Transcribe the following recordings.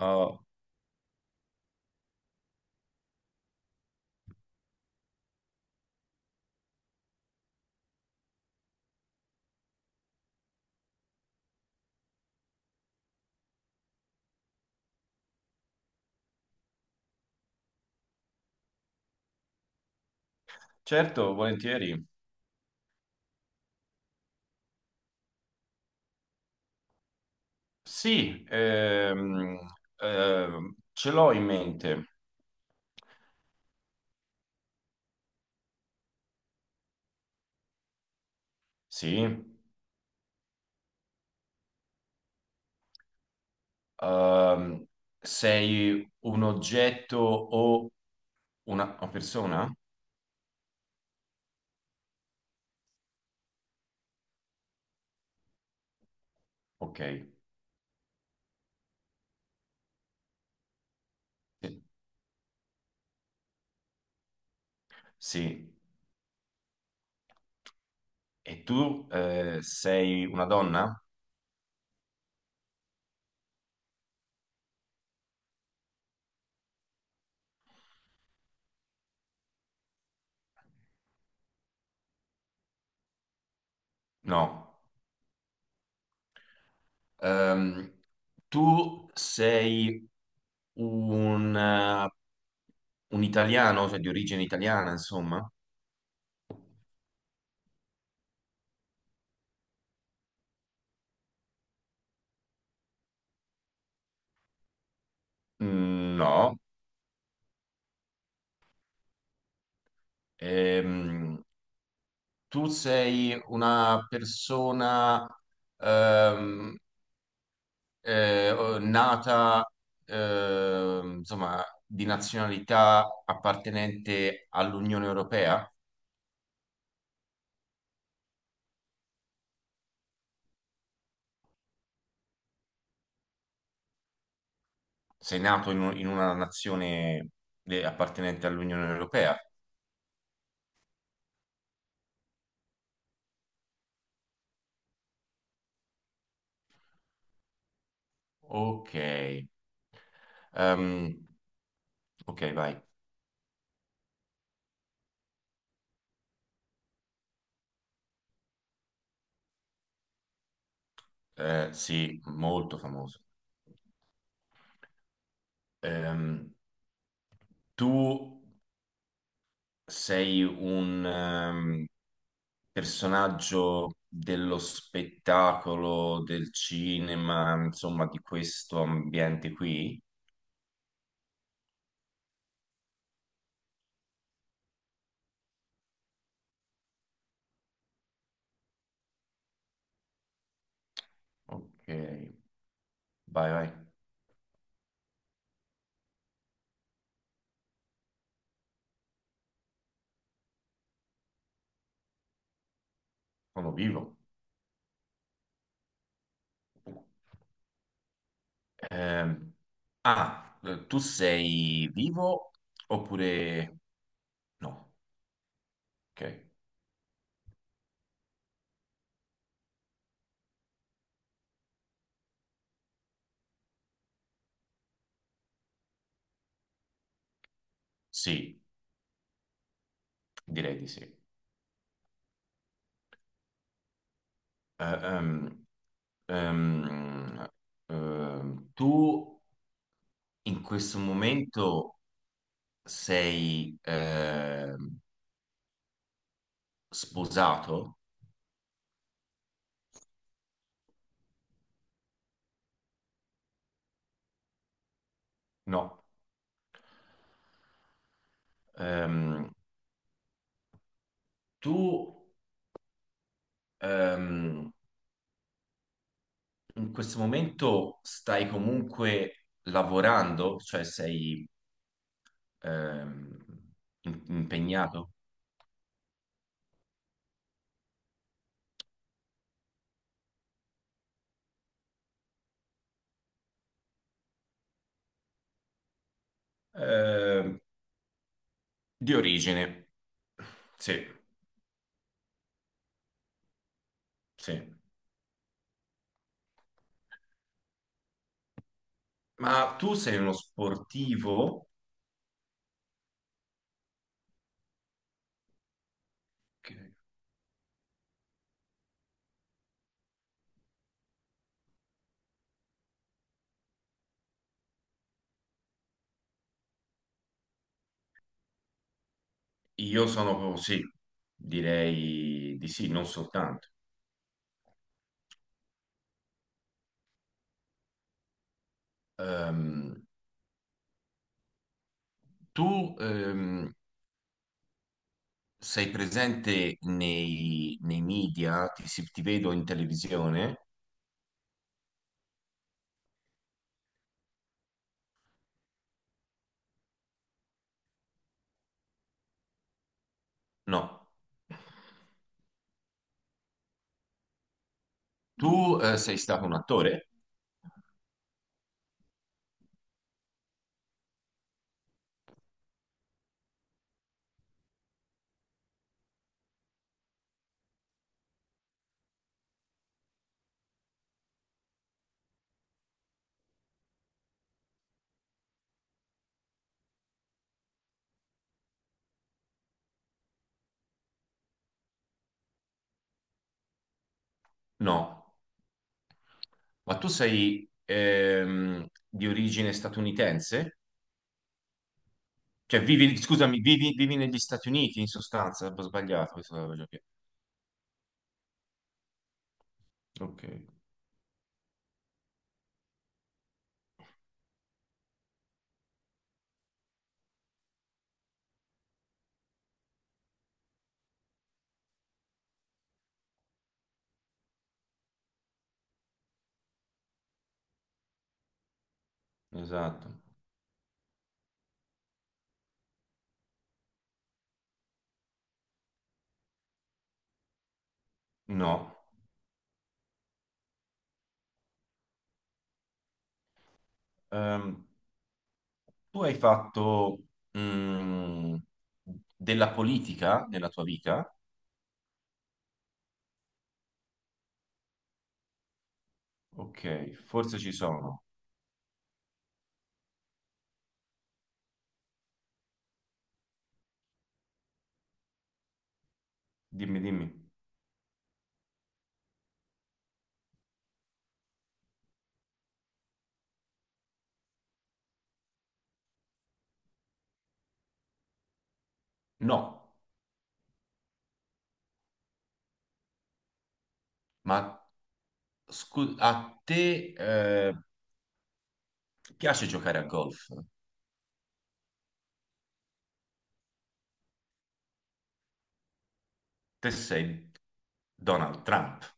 Oh, certo, volentieri. Sì, ce l'ho in mente. Sì. Ehm, Sei un oggetto o una persona? Ok, sì. Sì. E tu sei una donna? No. Ehm, Tu sei un, eh, un italiano, cioè di origine italiana, insomma? Mm, no. Ehm, Tu sei una persona ehm, nata, insomma, di nazionalità appartenente all'Unione Europea? Sei nato in, in una nazione appartenente all'Unione Europea? Ok. Ehm, ok, vai. Sì, molto famoso. Ehm, Tu sei un personaggio dello spettacolo, del cinema, insomma, di questo ambiente qui. Ok, vai, vai, sono vivo. Ehm, Tu sei vivo oppure no? Ok, sì, direi di sì. Ehm, ehm, Tu in questo momento sei sposato? No. Ehm, Tu ehm, in questo momento stai comunque lavorando, cioè sei ehm, impegnato? Ehm, di origine, sì, sì. Ma tu sei uno sportivo? Che- io sono sì, direi di sì, non soltanto. Ehm, Tu sei presente nei media? Ti, ti vedo in televisione? No. Tu sei stato un attore? No. Ma tu sei di origine statunitense? Cioè, vivi, scusami, vivi, vivi negli Stati Uniti in sostanza? Ho sbagliato. Questa era la cosa che- ok, esatto. No. Ehm, Tu hai fatto mm, della politica nella tua vita? Ok, forse ci sono. Dimmi, dimmi. No, ma a te piace giocare a golf? Te sei Donald Trump?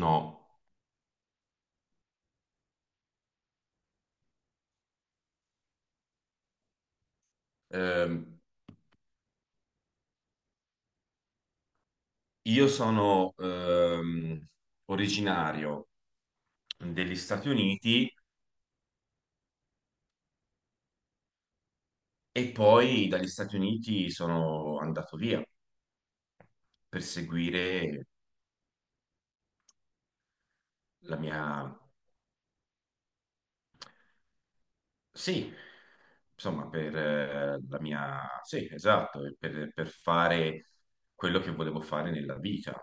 No. Ehm, io sono originario degli Stati Uniti e poi dagli Stati Uniti sono andato via per seguire la mia. Sì, insomma, per la mia... Sì, esatto, e per fare quello che volevo fare nella vita.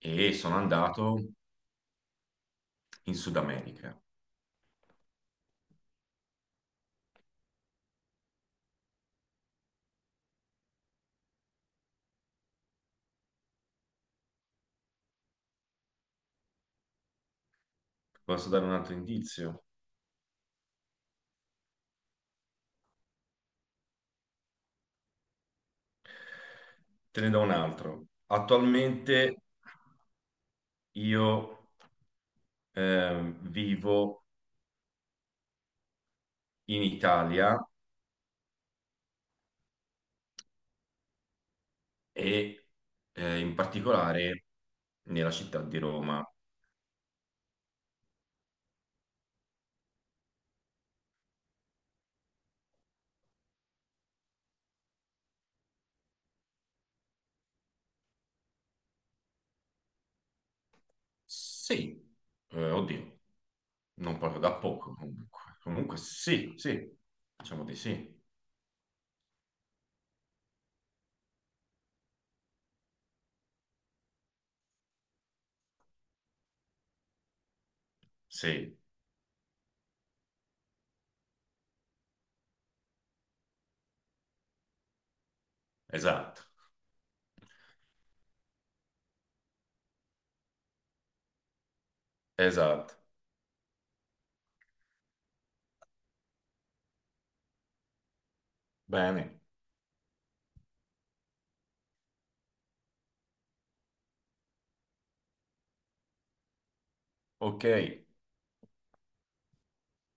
E sono andato in Sud America. Posso dare un altro indizio? Te ne do un altro. Attualmente io vivo in Italia e in particolare nella città di Roma. Sì, oddio. Non parlo da poco comunque. Comunque sì, sì, diciamo di sì. Sì, esatto, esatto. Bene, ok.